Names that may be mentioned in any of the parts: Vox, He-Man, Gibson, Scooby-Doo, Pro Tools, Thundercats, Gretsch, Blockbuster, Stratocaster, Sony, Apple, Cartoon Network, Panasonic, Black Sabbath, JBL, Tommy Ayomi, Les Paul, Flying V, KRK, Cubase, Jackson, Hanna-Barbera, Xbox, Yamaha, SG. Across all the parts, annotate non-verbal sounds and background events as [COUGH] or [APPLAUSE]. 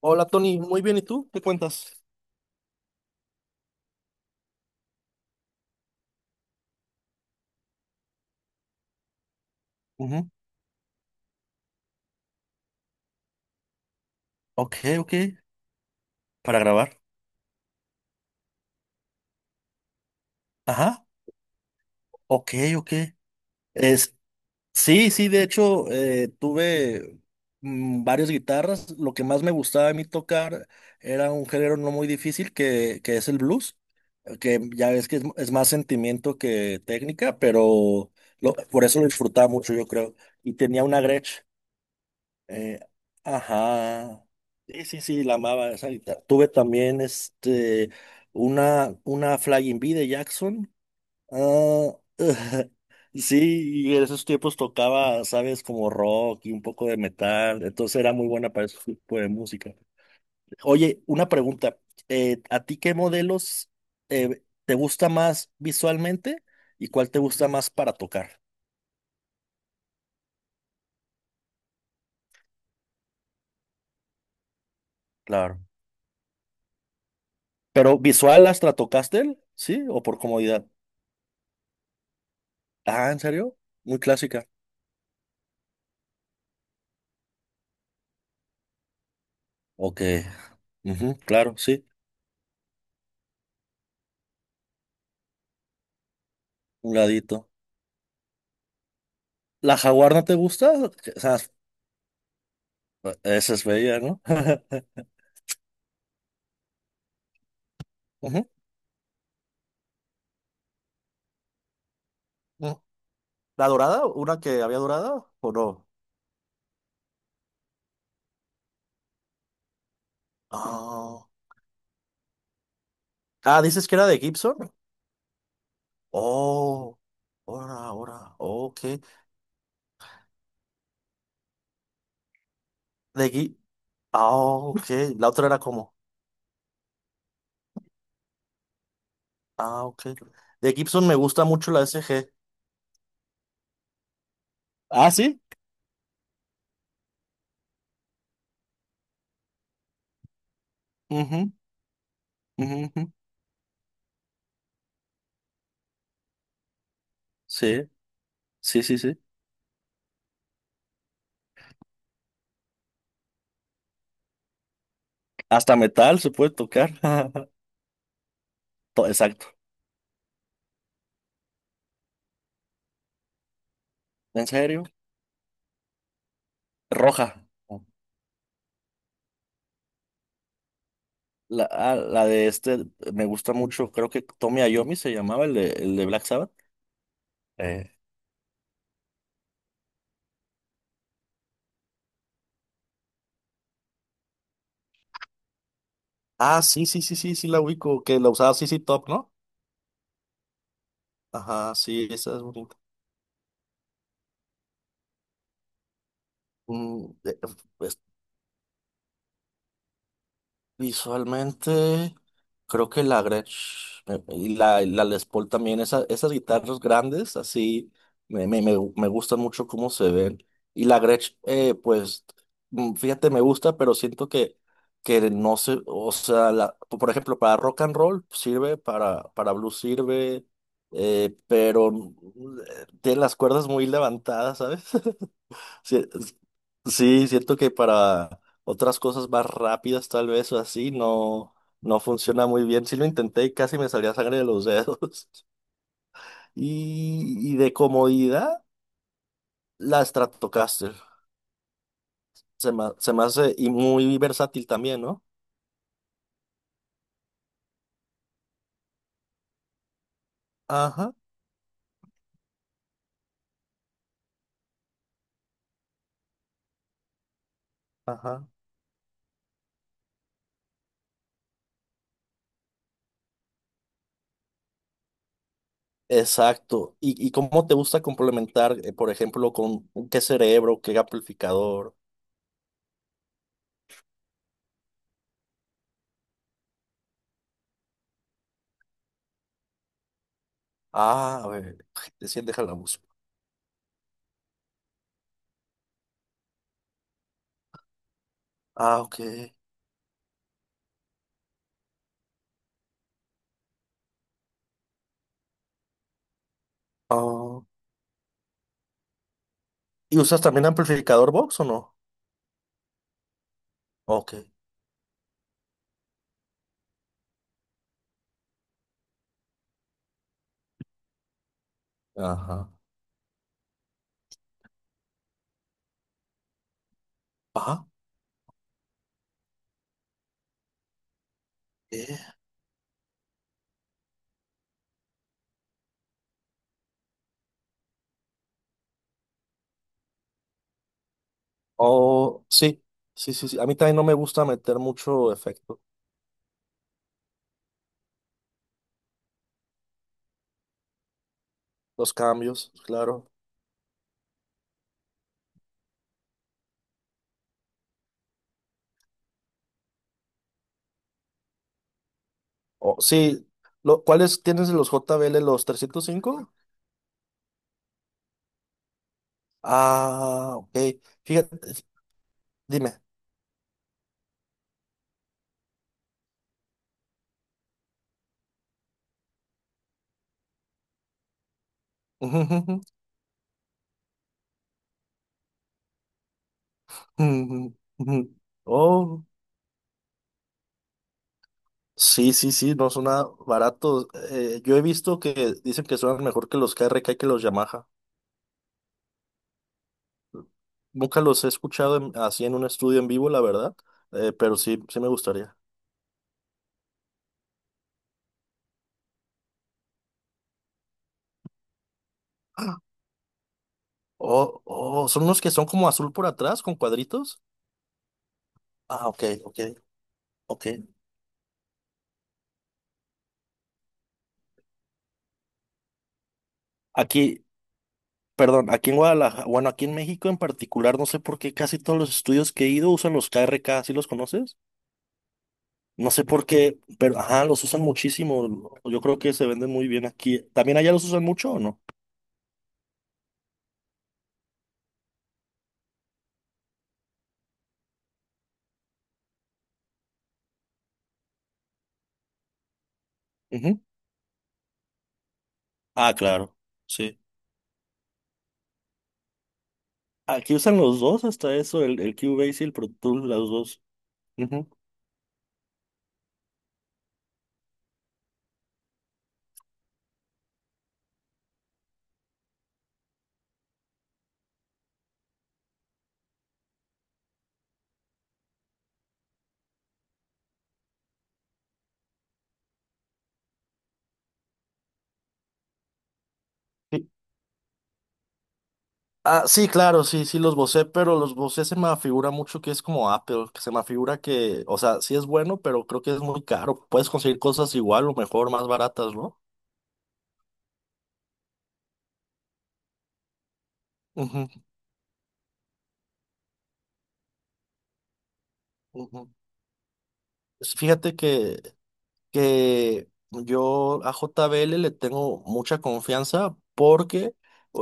Hola Tony, muy bien, ¿y tú? ¿Qué cuentas? Ujú. Ok, ok. Para grabar. Ajá. Ok, ok. Es, sí, sí, de hecho, tuve varias guitarras. Lo que más me gustaba a mí tocar era un género no muy difícil que es el blues, que ya ves que es más sentimiento que técnica, pero por eso lo disfrutaba mucho, yo creo. Y tenía una Gretsch. Eh, ajá. Sí, sí, sí, la amaba esa guitarra. Tuve también una Flying V de Jackson. Ah, [LAUGHS] sí, y en esos tiempos tocaba, sabes, como rock y un poco de metal. Entonces era muy buena para ese tipo de música. Oye, una pregunta. ¿A ti qué modelos te gusta más visualmente y cuál te gusta más para tocar? Claro. Pero visual, ¿las la tocaste? ¿Sí? ¿O por comodidad? Ah, ¿en serio? Muy clásica. Ok. Ujú, claro, sí. Un ladito. ¿La jaguar no te gusta? O sea, esa es bella, ¿no? [LAUGHS] Ujú, ujú. ¿La dorada? ¿Una que había dorada o no? Ah, Ah, dices que era de Gibson. Oh, ahora, ahora, ok. De Gi- ah, ok. La otra era como, ah, ok. De Gibson me gusta mucho la SG. Ah, sí. Ujú, ujú, ujú. Sí, sí, sí, sí. Hasta metal se puede tocar. [LAUGHS] Exacto. ¿En serio? Roja. La de me gusta mucho. Creo que Tommy Ayomi se llamaba el de Black Sabbath. Eh, Ah, sí, sí, sí, sí, sí, la ubico. Que la usaba sí, sí, Top, ¿no? Ajá, sí, esa es bonita. Mm, eh, Visualmente, creo que la Gretsch y la Les Paul también, esas guitarras grandes, así me gustan mucho cómo se ven. Y la Gretsch, pues, fíjate, me gusta, pero siento que no sé, o sea, por ejemplo, para rock and roll sirve, para blues sirve, pero tiene las cuerdas muy levantadas, ¿sabes? Sí, sí, siento que para otras cosas más rápidas, tal vez o así, no, no funciona muy bien. Sí lo intenté y casi me salía sangre de los dedos. [LAUGHS] Y de comodidad, la Stratocaster. Se me hace y muy versátil también, ¿no? Ajá, ajá. Exacto. ¿Y cómo te gusta complementar, por ejemplo, con qué cerebro, qué amplificador? Ah, a ver, sí, déjala música. Ah, ok. ¿Y usas también amplificador Vox o no? Ok. Ajá. Ajá. Eh, Oh, sí. Sí, sí, sí. A mí también no me gusta meter mucho efecto. Los cambios, claro. Oh, sí. ¿Cuáles tienes de los JBL, los 305? Ah, ok. Fíjate, dime. [LAUGHS] Ujú, ujú, ujú. Oh, sí, sí, sí, no suena barato. Yo he visto que dicen que suenan mejor que los KRK y que los Yamaha. Nunca los he escuchado así en un estudio en vivo, la verdad, pero sí, sí me gustaría. Oh, son unos que son como azul por atrás con cuadritos. Ah, ok, ok, ok. Aquí, perdón, aquí en Guadalajara, bueno, aquí en México en particular, no sé por qué casi todos los estudios que he ido usan los K R KRK, ¿sí los conoces? No sé por qué, pero ajá, los usan muchísimo. Yo creo que se venden muy bien aquí. ¿También allá los usan mucho o no? Ujú. Ah, claro, sí. Aquí usan los dos, hasta eso, el Cubase y el Pro Tools, los dos. Ujú. Ah, sí, claro, sí, sí los bocé, pero los bocé se me figura mucho que es como Apple, que se me figura que, o sea, sí es bueno, pero creo que es muy caro. Puedes conseguir cosas igual o mejor, más baratas, ¿no? Ujú, ujú. Fíjate que yo a JBL le tengo mucha confianza porque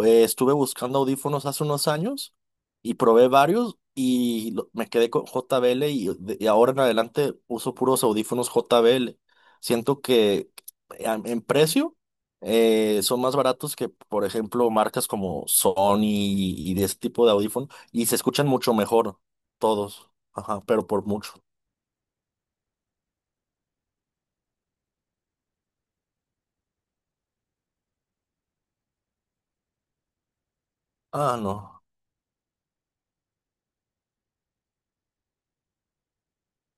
estuve buscando audífonos hace unos años y probé varios y me quedé con JBL y ahora en adelante uso puros audífonos JBL. Siento que en precio son más baratos que, por ejemplo, marcas como Sony y de ese tipo de audífonos y se escuchan mucho mejor todos, ajá, pero por mucho. Ah, no.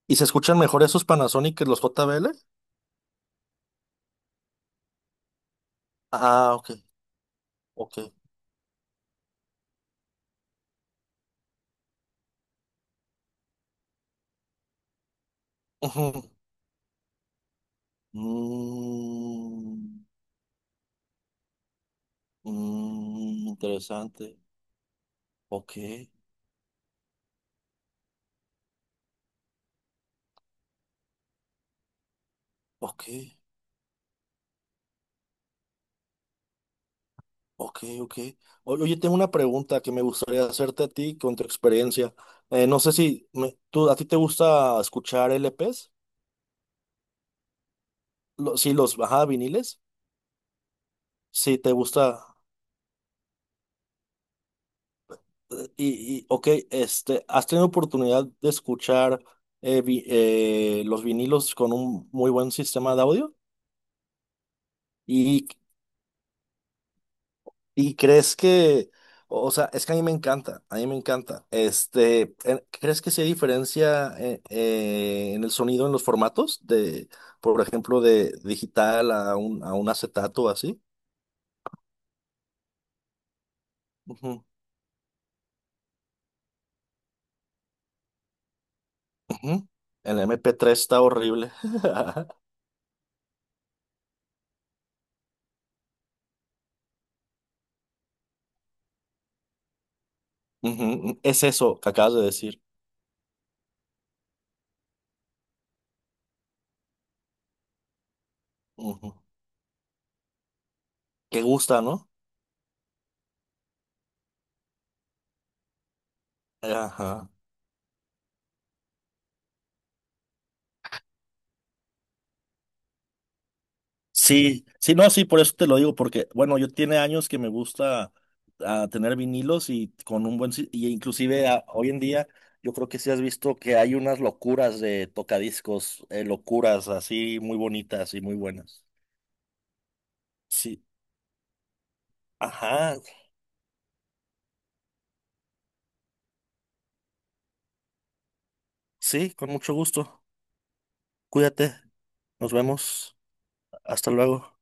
¿Y se escuchan mejor esos Panasonic que los JBL? Ah, ok, ok. Ujú. Mm, mm, interesante. Ok, ok, ok, ok. Oye, tengo una pregunta que me gustaría hacerte a ti con tu experiencia. No sé si a ti te gusta escuchar LPs. Sí, los, ajá, viniles. Sí, te gusta. Ok, ¿has tenido oportunidad de escuchar los vinilos con un muy buen sistema de audio? ¿Y, y crees que, o sea, es que a mí me encanta, a mí me encanta, crees que sí hay diferencia en el sonido, en los formatos de, por ejemplo, de digital a un, acetato o así? Ujú, ujú. El MP3 está horrible. [LAUGHS] Ujú. Es eso que acabas de decir. Ujú. Que gusta, ¿no? Ajá. Sí, sí, no, sí, por eso te lo digo, porque, bueno, yo tiene años que me gusta tener vinilos y con un buen, y inclusive hoy en día, yo creo que sí has visto que hay unas locuras de tocadiscos, locuras así muy bonitas y muy buenas. Sí, ajá, sí, con mucho gusto. Cuídate, nos vemos, hasta luego.